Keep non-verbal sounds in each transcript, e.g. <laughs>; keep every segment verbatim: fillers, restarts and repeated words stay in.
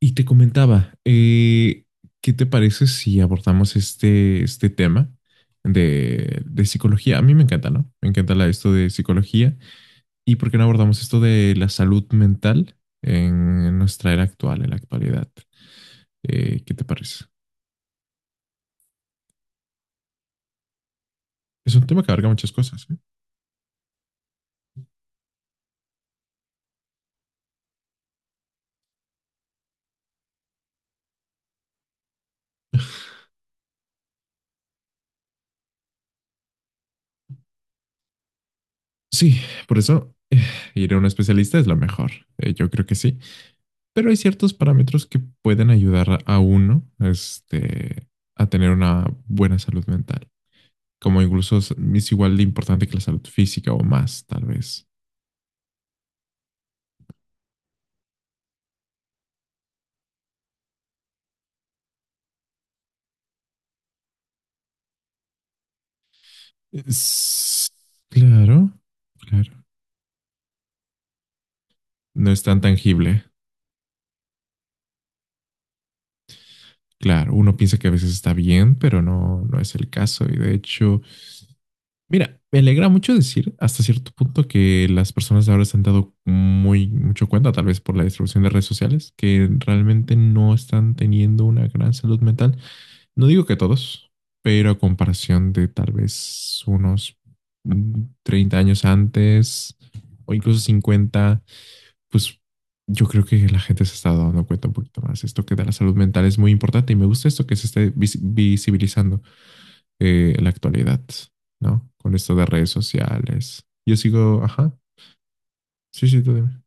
Y te comentaba, eh, ¿qué te parece si abordamos este, este tema de, de psicología? A mí me encanta, ¿no? Me encanta la- esto de psicología. ¿Y por qué no abordamos esto de la salud mental en, en nuestra era actual, en la actualidad? Eh, ¿qué te parece? Es un tema que abarca muchas cosas, ¿eh? Sí, por eso eh, ir a un especialista es lo mejor. Eh, yo creo que sí. Pero hay ciertos parámetros que pueden ayudar a uno, este, a tener una buena salud mental. Como incluso es es igual de importante que la salud física o más, tal vez. Es- claro, claro. No es tan tangible. Claro, uno piensa que a veces está bien, pero no, no es el caso. Y de hecho, mira, me alegra mucho decir hasta cierto punto que las personas ahora se han dado muy mucho cuenta, tal vez por la distribución de redes sociales, que realmente no están teniendo una gran salud mental. No digo que todos, pero a comparación de tal vez unos mm, treinta años antes o incluso cincuenta, pues yo creo que la gente se está dando cuenta un poquito más. Esto que de la salud mental es muy importante y me gusta esto que se esté vis- visibilizando eh, en la actualidad, ¿no? Con esto de redes sociales. Yo sigo, ajá, sí, sí, tú dime.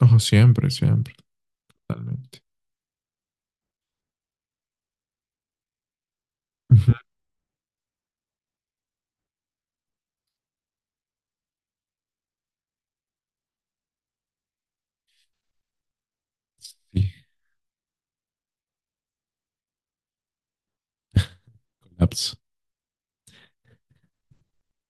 Ojo, siempre, siempre, totalmente. Ujú. Sí, colapso.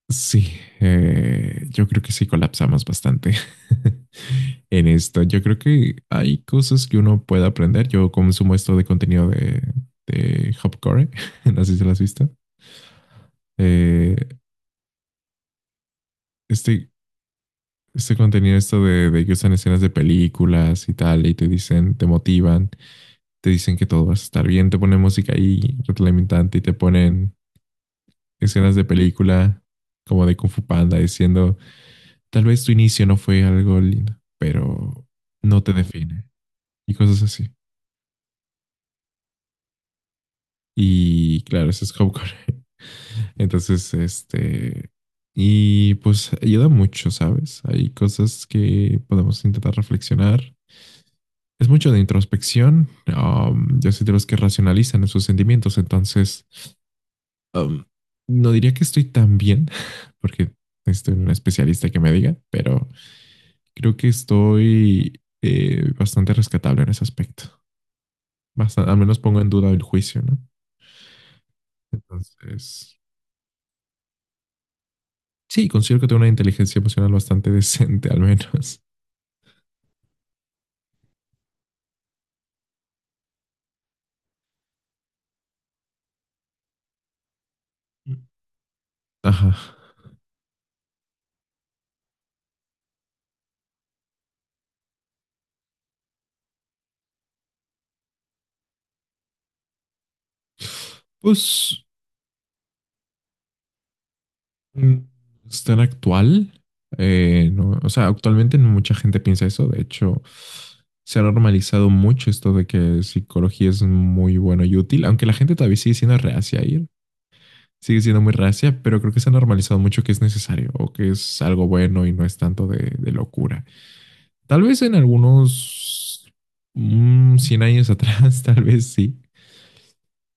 Sí, eh, yo creo que sí colapsamos bastante <laughs> en esto. Yo creo que hay cosas que uno puede aprender. Yo consumo esto de contenido de, de Hopcore, <laughs> no sé si lo has visto. Eh, este, este contenido, esto de, de que usan escenas de películas y tal, y te dicen, te motivan, te dicen que todo va a estar bien, te ponen música ahí retroalimentante y te ponen escenas de película como de Kung Fu Panda diciendo: "Tal vez tu inicio no fue algo lindo, pero no te define", y cosas así. Y claro, eso es Hopcore. <laughs> Entonces, este, y pues ayuda mucho, ¿sabes? Hay cosas que podemos intentar reflexionar. Es mucho de introspección. Um, yo soy de los que racionalizan sus sentimientos, entonces um, no diría que estoy tan bien, <laughs> porque estoy un especialista que me diga, pero creo que estoy eh, bastante rescatable en ese aspecto. Bastante, al menos pongo en duda el juicio, ¿no? Entonces, sí, considero que tengo una inteligencia emocional bastante <laughs> decente, al menos. Ajá. Pues Mm, es tan actual. Eh, no, o sea, actualmente no mucha gente piensa eso. De hecho, se ha normalizado mucho esto de que psicología es muy bueno y útil, aunque la gente todavía sigue siendo reacia a ir, sigue siendo muy reacia, pero creo que se ha normalizado mucho que es necesario o que es algo bueno y no es tanto de, de locura. Tal vez en algunos mm, cien años atrás, <laughs> tal vez sí.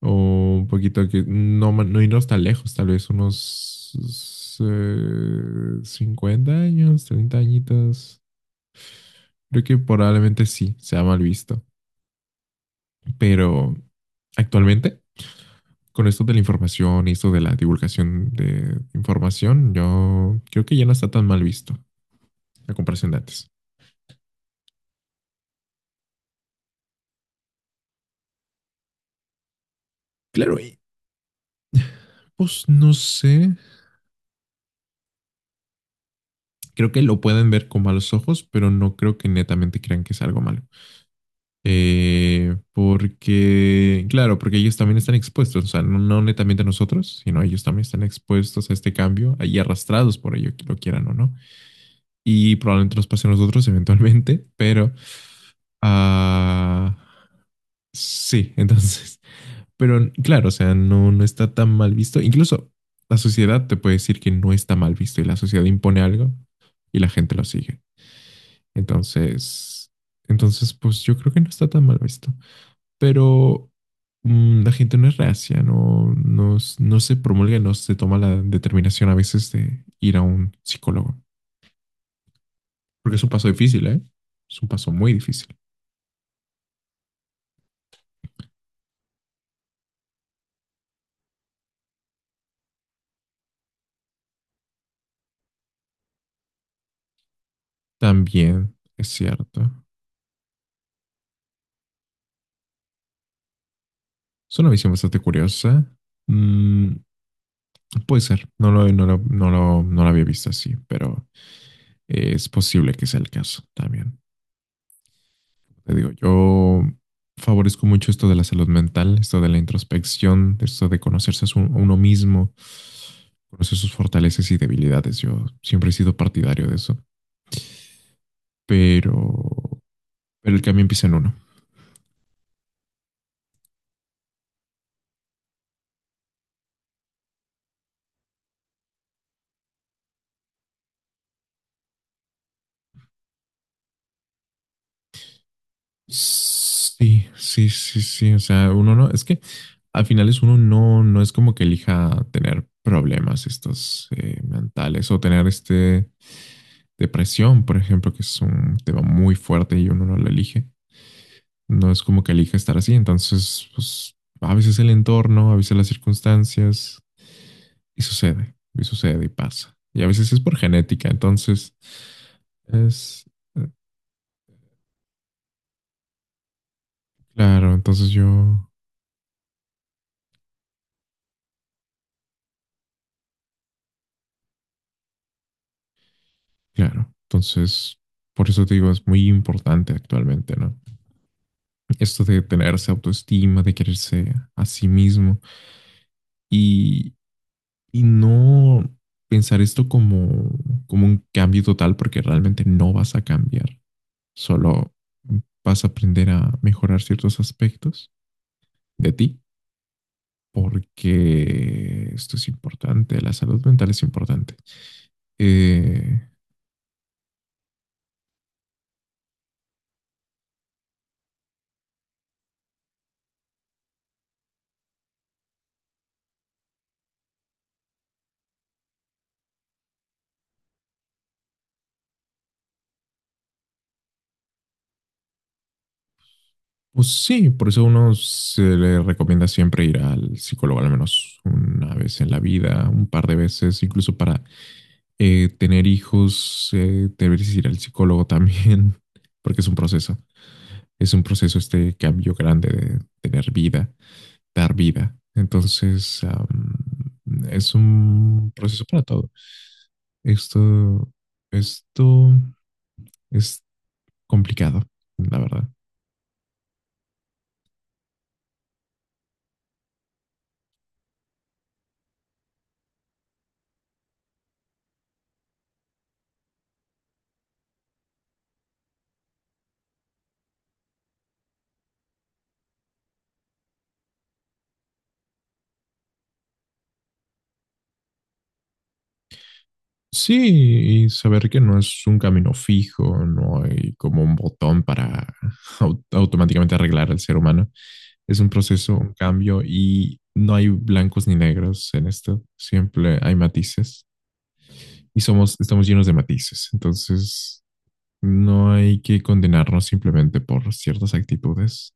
O un poquito que no, ma- no irnos tan lejos, tal vez unos eh, cincuenta años, treinta añitos. Creo que probablemente sí, sea mal visto. Pero actualmente, con esto de la información y esto de la divulgación de información, yo creo que ya no está tan mal visto la comparación de antes. Claro, y pues no sé. Creo que lo pueden ver con malos ojos, pero no creo que netamente crean que es algo malo. Eh, porque, claro, porque ellos también están expuestos, o sea, no, no netamente a nosotros, sino ellos también están expuestos a este cambio y arrastrados por ello, que lo quieran o no. Y probablemente nos pase a nosotros <laughs> eventualmente, pero ah, sí, <laughs> entonces, pero claro, o sea, no, no está tan mal visto. Incluso la sociedad te puede decir que no está mal visto y la sociedad impone algo y la gente lo sigue. Entonces, entonces, pues yo creo que no está tan mal visto. Pero mm, la gente no es reacia, no, no, s- no se promulga, no se toma la determinación a veces de ir a un psicólogo, porque es un paso difícil, ¿eh? Es un paso muy difícil. También es cierto. Es una visión bastante curiosa. Mm, puede ser, no lo, no lo, no lo, no lo había visto así, pero eh, es posible que sea el caso también. Te digo, yo favorezco mucho esto de la salud mental, esto de la introspección, esto de conocerse a uno mismo, conocer sus fortalezas y debilidades. Yo siempre he sido partidario de eso, pero, pero el cambio empieza en uno. Sí, sí, sí, sí. O sea, uno no, es que al final es uno no, no es como que elija tener problemas estos eh, mentales o tener este depresión, por ejemplo, que es un tema muy fuerte y uno no lo elige. No es como que elija estar así, entonces, pues a veces el entorno, a veces las circunstancias, y sucede, y sucede y pasa. Y a veces es por genética, entonces, es, eh, claro, entonces yo, claro, entonces, por eso te digo, es muy importante actualmente, ¿no? Esto de tenerse autoestima, de quererse a sí mismo y, y no pensar esto como, como un cambio total, porque realmente no vas a cambiar. Solo vas a aprender a mejorar ciertos aspectos de ti, porque esto es importante, la salud mental es importante. Eh, pues sí, por eso a uno se le recomienda siempre ir al psicólogo al menos una vez en la vida, un par de veces, incluso para eh, tener hijos, eh, deberías ir al psicólogo también, <laughs> porque es un proceso, es un proceso este cambio grande de tener vida dar vida. Entonces, am, es un proceso para todo. Esto, esto es complicado, la verdad. Sí, y saber que no es un camino fijo, no hay como un botón para au- automáticamente arreglar al ser humano. Es un proceso, un cambio y no hay blancos ni negros en esto. Siempre hay matices y somos, estamos llenos de matices. Entonces, no hay que condenarnos simplemente por ciertas actitudes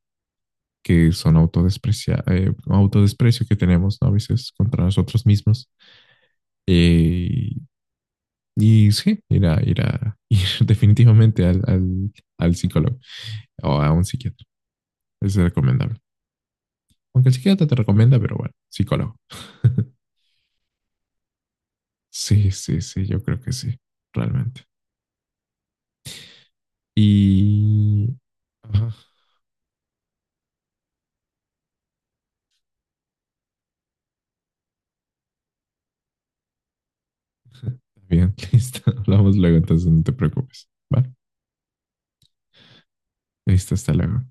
que son autodesprecia- eh, autodesprecio que tenemos, ¿no? A veces contra nosotros mismos. Eh, y sí, ir a, ir a- <laughs> ir definitivamente al, al- al psicólogo o a un psiquiatra. Es recomendable. Aunque el psiquiatra te recomienda, pero bueno, psicólogo. <laughs> Sí, sí, sí, yo creo que sí, realmente. Y... ajá, <laughs> bien, <laughs> listo. Hablamos luego, entonces no te preocupes. Vale, listo, hasta luego.